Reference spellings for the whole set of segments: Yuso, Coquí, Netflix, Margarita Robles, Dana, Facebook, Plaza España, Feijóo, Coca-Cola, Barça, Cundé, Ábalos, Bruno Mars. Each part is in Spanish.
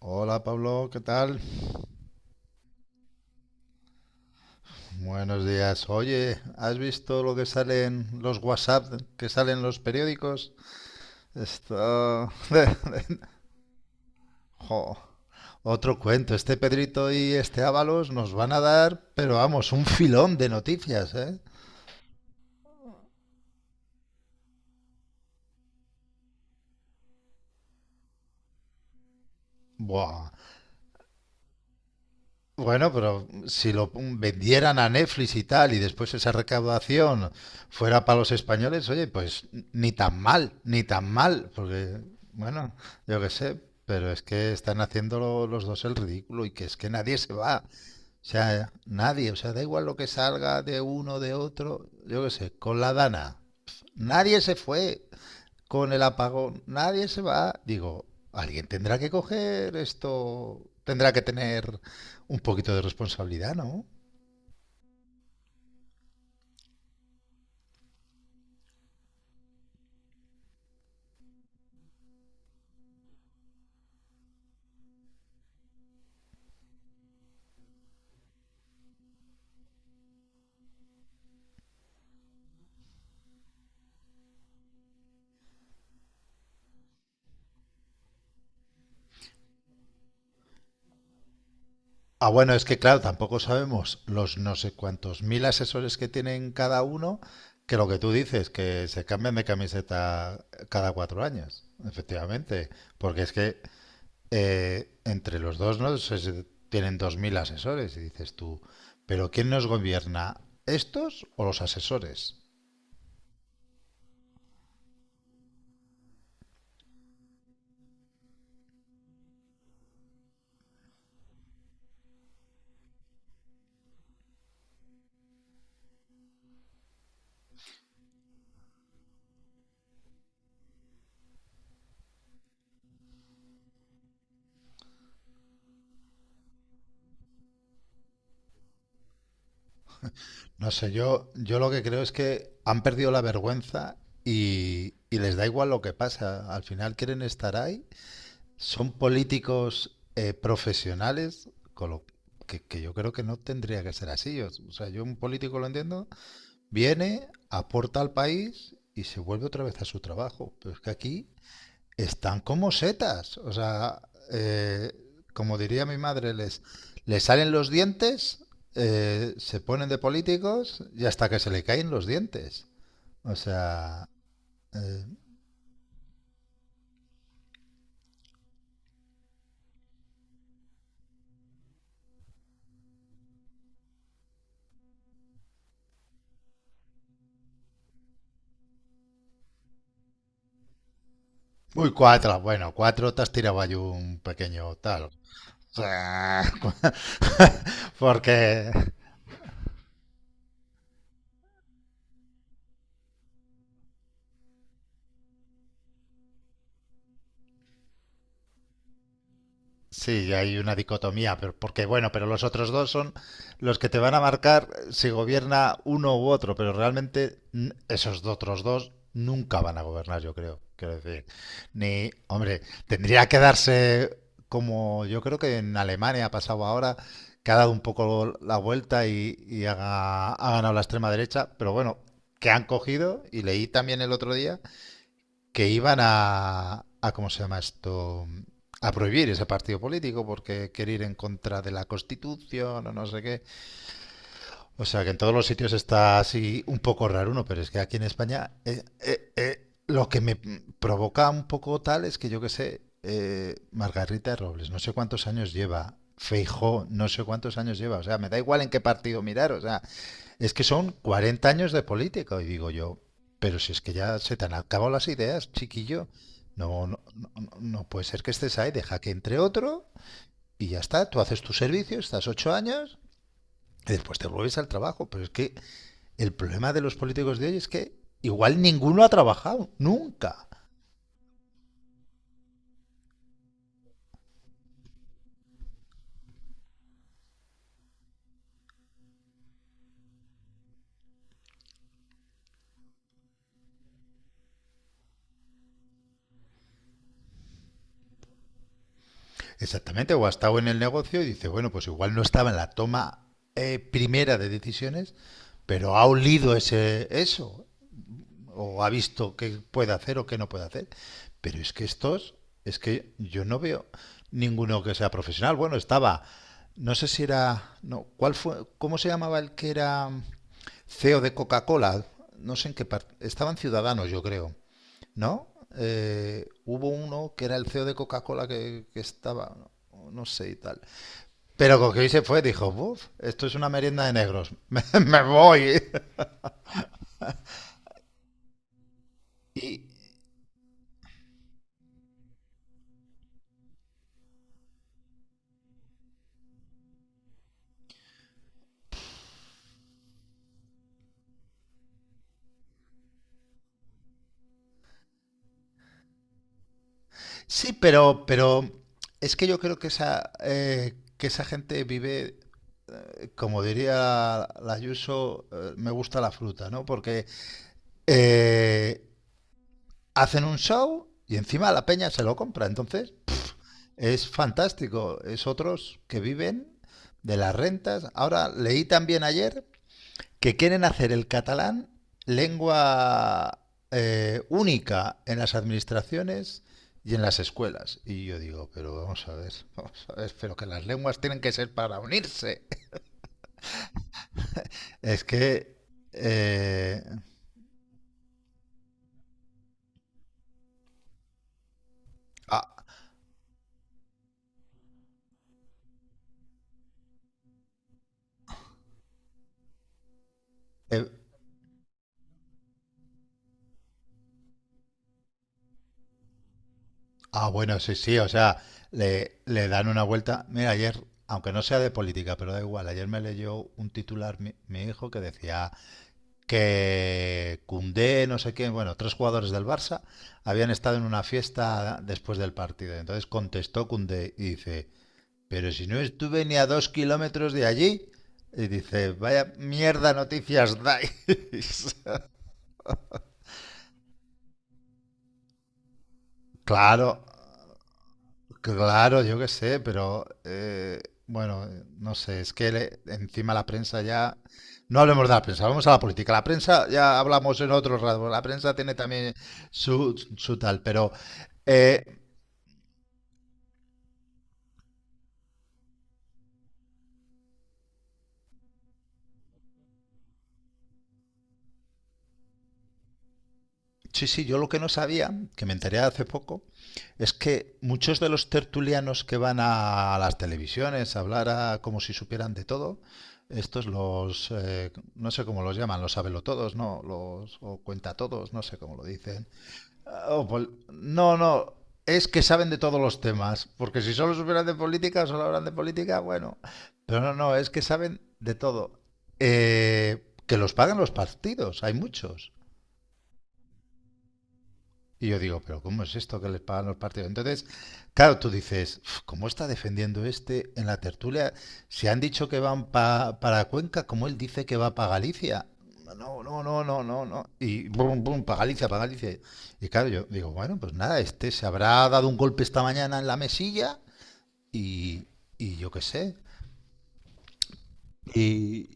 Hola Pablo, ¿qué tal? Buenos días. Oye, ¿has visto lo que salen los WhatsApp, que salen los periódicos? Esto... Jo, otro cuento. Este Pedrito y este Ábalos nos van a dar, pero vamos, un filón de noticias, ¿eh? Buah. Bueno, pero si lo vendieran a Netflix y tal, y después esa recaudación fuera para los españoles, oye, pues ni tan mal, ni tan mal, porque, bueno, yo qué sé, pero es que están haciendo los dos el ridículo y que es que nadie se va, o sea, nadie, o sea, da igual lo que salga de uno, de otro, yo qué sé, con la Dana, nadie se fue, con el apagón, nadie se va. Digo, alguien tendrá que coger esto, tendrá que tener un poquito de responsabilidad, ¿no? Ah, bueno, es que claro, tampoco sabemos los no sé cuántos mil asesores que tienen cada uno, que lo que tú dices, que se cambian de camiseta cada 4 años, efectivamente, porque es que entre los dos no se tienen 2000 asesores y dices tú, pero ¿quién nos gobierna? ¿Estos o los asesores? No sé, yo lo que creo es que han perdido la vergüenza y les da igual lo que pasa. Al final quieren estar ahí. Son políticos profesionales, con lo que yo creo que no tendría que ser así. O sea, yo un político lo entiendo. Viene, aporta al país y se vuelve otra vez a su trabajo. Pero es que aquí están como setas. O sea, eh, como diría mi madre, les salen los dientes, se ponen de políticos y hasta que se le caen los dientes. O sea... eh, uy, cuatro. Bueno, cuatro te has tirado ahí un pequeño tal. O sea, porque sí, hay una dicotomía, pero porque bueno, pero los otros dos son los que te van a marcar si gobierna uno u otro, pero realmente esos otros dos nunca van a gobernar, yo creo. Quiero decir, ni, hombre, tendría que darse como yo creo que en Alemania ha pasado ahora, que ha dado un poco la vuelta y ha ganado la extrema derecha, pero bueno, que han cogido, y leí también el otro día que iban a, ¿cómo se llama esto? A prohibir ese partido político porque quiere ir en contra de la Constitución o no sé qué. O sea que en todos los sitios está así un poco raro uno, pero es que aquí en España lo que me provoca un poco tal es que yo que sé, Margarita Robles, no sé cuántos años lleva. Feijóo no sé cuántos años lleva, o sea, me da igual en qué partido mirar, o sea, es que son 40 años de política. Y digo yo, pero si es que ya se te han acabado las ideas, chiquillo, no, no, no, no puede ser que estés ahí, deja que entre otro y ya está, tú haces tu servicio, estás 8 años y después te vuelves al trabajo. Pero es que el problema de los políticos de hoy es que igual ninguno ha trabajado, nunca. Exactamente, o ha estado en el negocio y dice, bueno, pues igual no estaba en la toma primera de decisiones, pero ha olido eso, o ha visto qué puede hacer o qué no puede hacer. Pero es que estos, es que yo no veo ninguno que sea profesional. Bueno, estaba, no sé si era, no, ¿cuál fue? ¿Cómo se llamaba el que era CEO de Coca-Cola? No sé en qué parte, estaban ciudadanos, yo creo, ¿no? Hubo uno que era el CEO de Coca-Cola que estaba, no sé y tal. Pero con Coquí se fue, dijo, buf, esto es una merienda de negros, me voy. Y, sí, pero es que yo creo que esa gente vive, como diría la Yuso, me gusta la fruta, ¿no? Porque eh, hacen un show y encima la peña se lo compra. Entonces es fantástico. Es otros que viven de las rentas. Ahora leí también ayer que quieren hacer el catalán lengua única en las administraciones y en las escuelas. Y yo digo, pero vamos a ver, vamos a ver, pero que las lenguas tienen que ser para unirse. Es que... eh, ah, eh, bueno, sí, sí, o sea, le dan una vuelta. Mira, ayer, aunque no sea de política, pero da igual, ayer me leyó un titular mi hijo que decía, que Cundé, no sé quién, bueno, tres jugadores del Barça habían estado en una fiesta después del partido. Entonces contestó Cundé y dice, pero si no estuve ni a 2 kilómetros de allí. Y dice, vaya mierda noticias dais. Claro, claro, yo qué sé, pero bueno, no sé, es que encima la prensa ya... No hablemos de la prensa, vamos a la política. La prensa ya hablamos en otro rato, la prensa tiene también su tal, pero eh, sí, sí, yo lo que no sabía, que me enteré hace poco, es que muchos de los tertulianos que van a las televisiones a hablar como si supieran de todo, estos los, no sé cómo los llaman, los sabelotodos, ¿no? Los, o cuentatodos, no sé cómo lo dicen. Ah, oh, no, no, es que saben de todos los temas, porque si solo supieran de política, solo hablan de política, bueno, pero no, no, es que saben de todo. Que los pagan los partidos, hay muchos. Y yo digo, pero ¿cómo es esto que les pagan los partidos? Entonces, claro, tú dices, "Uf, ¿cómo está defendiendo este en la tertulia? Si han dicho que van para Cuenca, ¿cómo él dice que va para Galicia? No, no, no, no, no, no. Y bum, bum, para Galicia, para Galicia. Y claro, yo digo, bueno, pues nada, este se habrá dado un golpe esta mañana en la mesilla y, y yo qué sé. Y,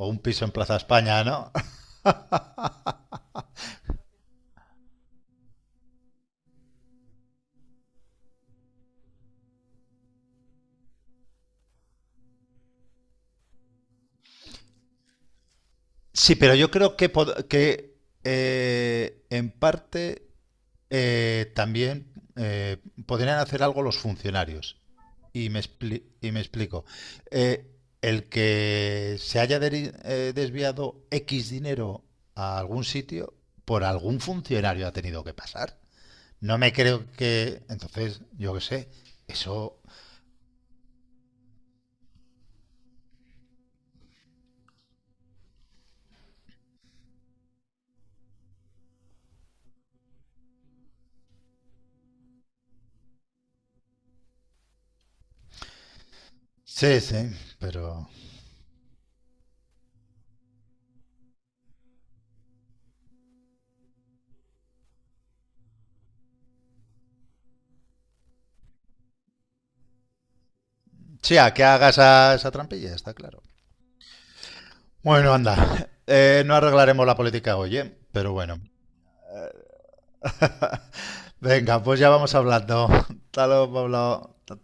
o un piso en Plaza España, ¿no? Sí, pero yo creo que, que en parte también podrían hacer algo los funcionarios. Y y me explico. Eh, el que se haya desviado X dinero a algún sitio, por algún funcionario ha tenido que pasar. No me creo que... Entonces, yo qué sé, eso... Sí, sí, pero... Sí, a que hagas esa trampilla, está claro. Bueno, anda. No arreglaremos la política hoy, ¿eh? Pero bueno. Venga, pues ya vamos hablando. Hasta luego, Pablo.